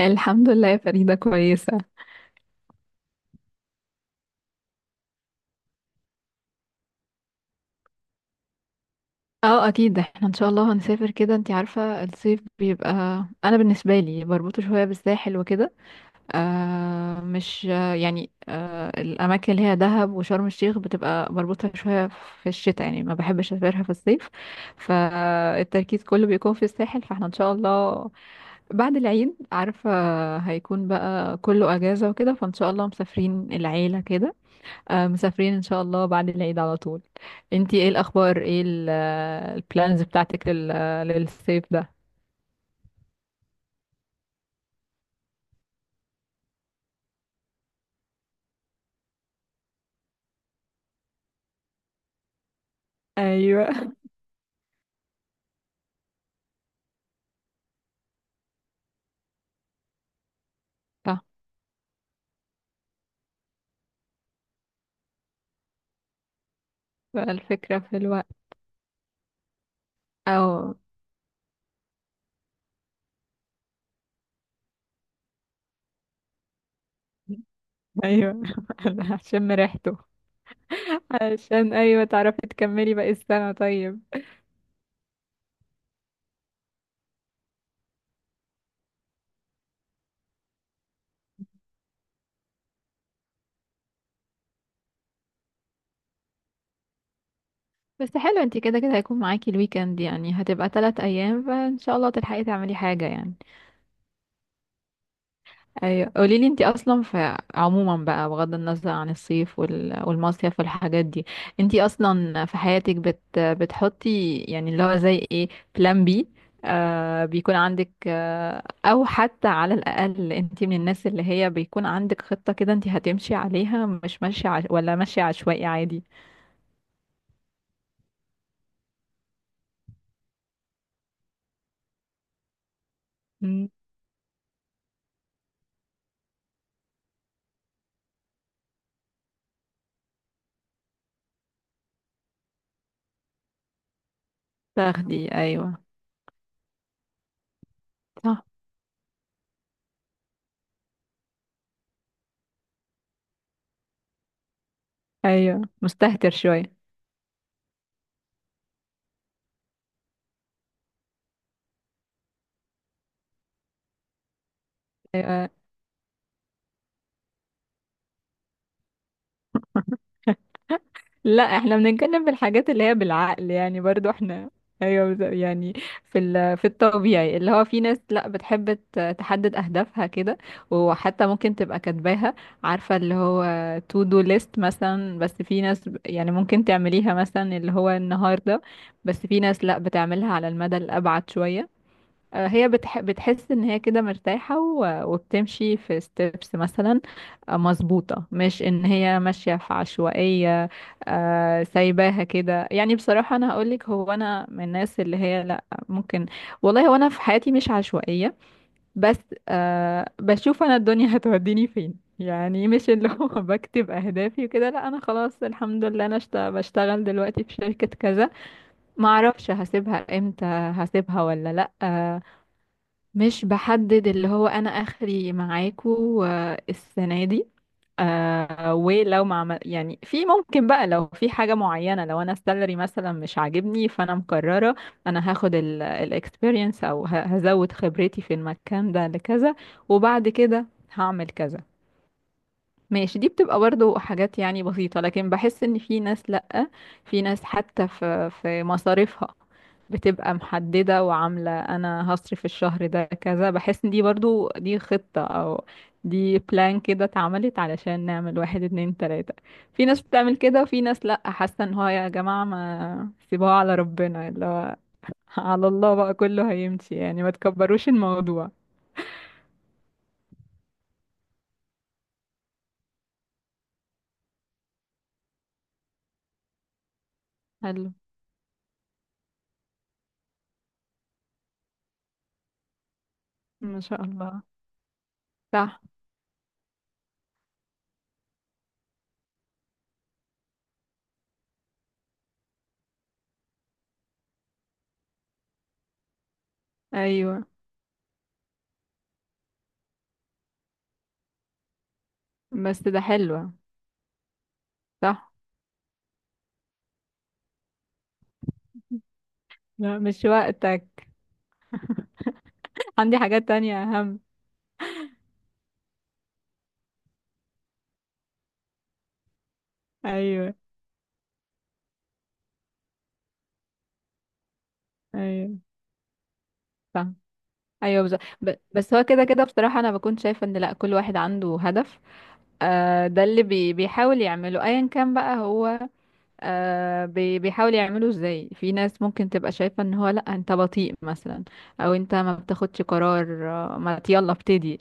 الحمد لله يا فريدة، كويسة. اه، اكيد احنا ان شاء الله هنسافر. كده انتي عارفة، الصيف بيبقى، انا بالنسبة لي بربطه شوية بالساحل وكده. مش، يعني، الاماكن اللي هي دهب وشرم الشيخ بتبقى بربطها شوية في الشتاء، يعني ما بحبش اسافرها في الصيف. فالتركيز كله بيكون في الساحل، فاحنا ان شاء الله بعد العيد، عارفة، هيكون بقى كله اجازة وكده، فان شاء الله مسافرين العيلة كده. مسافرين ان شاء الله بعد العيد على طول. انتي ايه الاخبار؟ ايه البلانز بتاعتك لل... آه، للصيف ده؟ ايوه. صح. بقى الفكرة في الوقت. او ايوه. عشان ريحته. عشان، ايوه، تعرفي تكملي باقي السنة. طيب، بس حلو، انتي كده كده هيكون معاكي الويكند، يعني هتبقى 3 ايام فان شاء الله تلحقي تعملي حاجة يعني. ايوه، قولي لي، انت اصلا في عموما بقى، بغض النظر عن الصيف والمصيف والحاجات دي، انت اصلا في حياتك بتحطي، يعني اللي هو زي ايه، بلان بي، بيكون عندك، او حتى على الاقل، انت من الناس اللي هي بيكون عندك خطة كده انت هتمشي عليها، مش ماشية ولا ماشية عشوائي عادي؟ مم. تاخدي. ايوه، صح. ايوه، مستهتر شوية. ايوه، لا احنا بنتكلم في الحاجات اللي هي بالعقل، يعني برضو احنا، ايوه، يعني في الطبيعي، اللي هو في ناس لا، بتحب تحدد اهدافها كده، وحتى ممكن تبقى كاتباها، عارفه، اللي هو تو دو ليست مثلا. بس في ناس، يعني ممكن تعمليها مثلا اللي هو النهارده، بس في ناس لا، بتعملها على المدى الابعد شويه. هي بتحس ان هي كده مرتاحة وبتمشي في ستيبس مثلا. مظبوطة، مش ان هي ماشية في عشوائية. سايباها كده. يعني بصراحة انا هقولك، هو انا من الناس اللي هي لا، ممكن، والله هو انا في حياتي مش عشوائية، بس بشوف انا الدنيا هتوديني فين، يعني مش اللي هو بكتب اهدافي وكده، لا انا خلاص، الحمد لله انا بشتغل دلوقتي في شركة كذا، معرفش هسيبها امتى، هسيبها ولا لا. مش بحدد اللي هو انا اخري معاكو السنه دي. ولو ما عمل يعني، في ممكن بقى لو في حاجه معينه، لو انا السالري مثلا مش عاجبني فانا مقرره انا هاخد الاكسبيرينس او هزود خبرتي في المكان ده لكذا، وبعد كده هعمل كذا. ماشي، دي بتبقى برضو حاجات يعني بسيطة، لكن بحس ان في ناس لأ، في ناس حتى في مصاريفها بتبقى محددة وعاملة انا هصرف الشهر ده كذا، بحس ان دي برضو، دي خطة او دي بلان كده اتعملت علشان نعمل واحد، اتنين، تلاتة. في ناس بتعمل كده، وفي ناس لأ، حاسة ان هو يا جماعة ما سيبوها على ربنا، اللي هو على الله بقى كله هيمشي، يعني ما تكبروش الموضوع. حلو. ما شاء الله. صح. ايوه. بس ده حلو. صح. لا، مش وقتك. عندي حاجات تانية أهم. أيوه. أيوه، صح. أيوه، بس هو كده كده، بصراحة أنا بكون شايفة إن لأ، كل واحد عنده هدف، ده اللي بيحاول يعمله، أيا كان بقى هو بيحاولوا يعملوا ازاي. في ناس ممكن تبقى شايفة ان هو لا، انت بطيء مثلا، او انت ما بتاخدش قرار، ما ت- يلا ابتدي،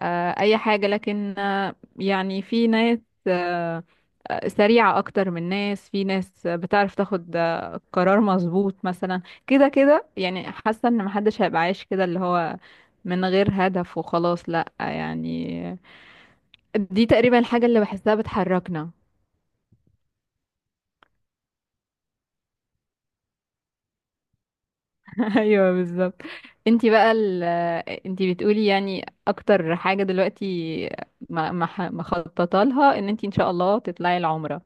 اي حاجة، لكن يعني في ناس، آه سريعة اكتر من ناس، في ناس بتعرف تاخد قرار مظبوط مثلا. كده كده يعني حاسة ان محدش هيبقى عايش كده اللي هو من غير هدف وخلاص، لا يعني، دي تقريبا الحاجة اللي بحسها بتحركنا. ايوه، بالظبط. انتي بقى انتي بتقولي يعني اكتر حاجه دلوقتي ما مخططه لها، ان انتي ان شاء الله تطلعي العمره.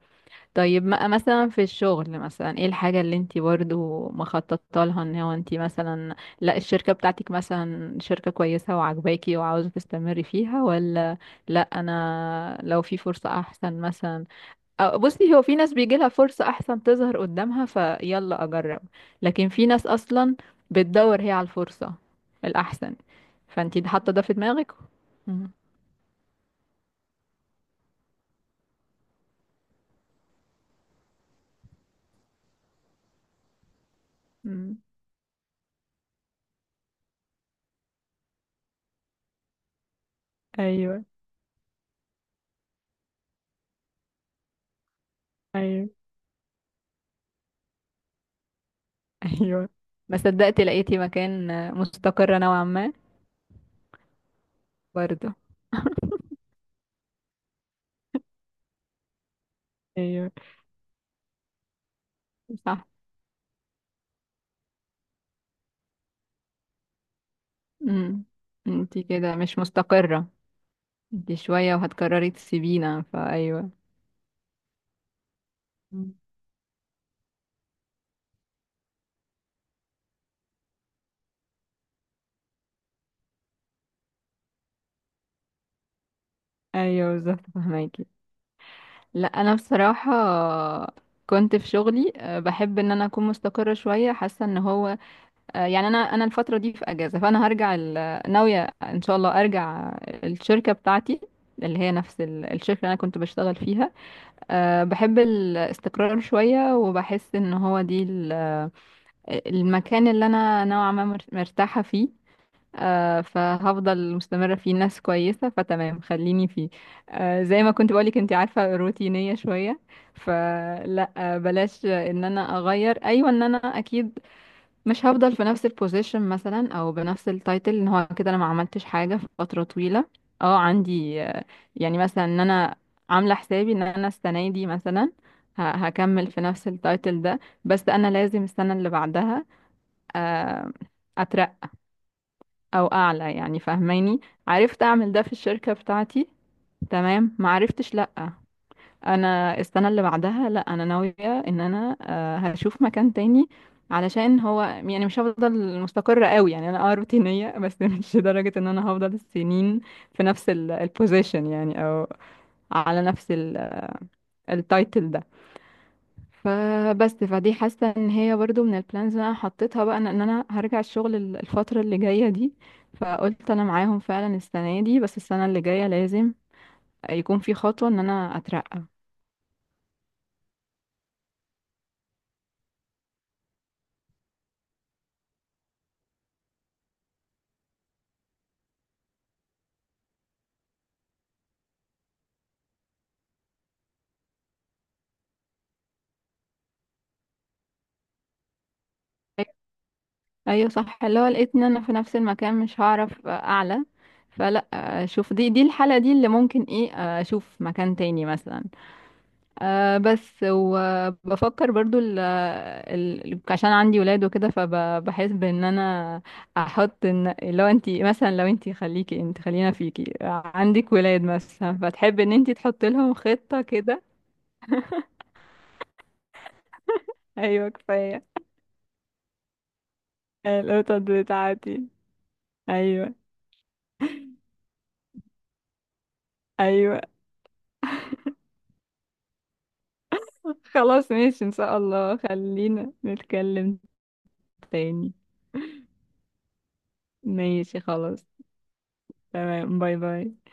طيب، ما مثلا في الشغل، مثلا ايه الحاجه اللي انتي برضو مخططه لها؟ ان هو انتي مثلا لا الشركه بتاعتك مثلا شركه كويسه وعجباكي وعاوزه تستمري فيها، ولا لا انا لو في فرصه احسن مثلا؟ بصي، هو في ناس بيجي لها فرصة أحسن تظهر قدامها فيلا أجرب، لكن في ناس أصلا بتدور هي على الفرصة الأحسن، فأنتي حاطة ده في دماغك. مم. مم. أيوه. أيوه. أيوه. ما صدقت لقيتي مكان مستقرة نوعا ما. برضه. أيوه، صح. مم. أنتي كده مش مستقرة. أنتي شوية وهتقرري تسيبينا، فأيوه. مم. أيوه بالظبط، فهماكي. لا انا بصراحه كنت في شغلي بحب ان انا اكون مستقره شويه، حاسه ان هو يعني انا الفتره دي في اجازه، فانا هرجع ناويه ان شاء الله ارجع الشركه بتاعتي، اللي هي نفس الشركه اللي انا كنت بشتغل فيها. بحب الاستقرار شويه، وبحس ان هو دي المكان اللي انا نوعا ما مرتاحه فيه، فهفضل مستمرة فيه، ناس كويسة فتمام خليني فيه. زي ما كنت بقولك انت عارفة، روتينية شوية، فلا بلاش ان انا اغير. ايوه، ان انا اكيد مش هفضل في نفس البوزيشن مثلا او بنفس التايتل، ان هو كده انا ما عملتش حاجة في فترة طويلة. اه، عندي يعني مثلا، ان انا عاملة حسابي ان انا السنة دي مثلا هكمل في نفس التايتل ده، بس انا لازم السنة اللي بعدها آه او اعلى، يعني فاهماني، عرفت اعمل ده في الشركة بتاعتي، تمام. ما عرفتش، لا، انا السنة اللي بعدها لا، انا ناوية ان انا هشوف مكان تاني. علشان هو يعني مش هفضل مستقرة قوي، يعني انا روتينية بس، مش لدرجة ان انا هفضل السنين في نفس البوزيشن يعني، او على نفس التايتل ده. فبس، فدي حاسه ان هي برضو من البلانز اللي انا حطيتها بقى، إن انا هرجع الشغل الفتره اللي جايه دي، فقلت انا معاهم فعلا السنه دي، بس السنه اللي جايه لازم يكون في خطوه ان انا اترقى. ايوه، صح. اللي هو لقيت ان انا في نفس المكان مش هعرف اعلى، فلا اشوف، دي الحاله دي اللي ممكن ايه، اشوف مكان تاني مثلا. بس، وبفكر برضو ال عشان عندي ولاد وكده، فبحس بان انا احط، ان لو انتي مثلا، لو انتي، خليكي انت، خلينا فيكي عندك ولاد مثلا فتحب ان انتي تحط لهم خطة كده. ايوه كفاية. القطط بتاعتي. ايوه. ايوه. خلاص ماشي ان شاء الله، خلينا نتكلم تاني. ماشي خلاص. تمام، باي باي.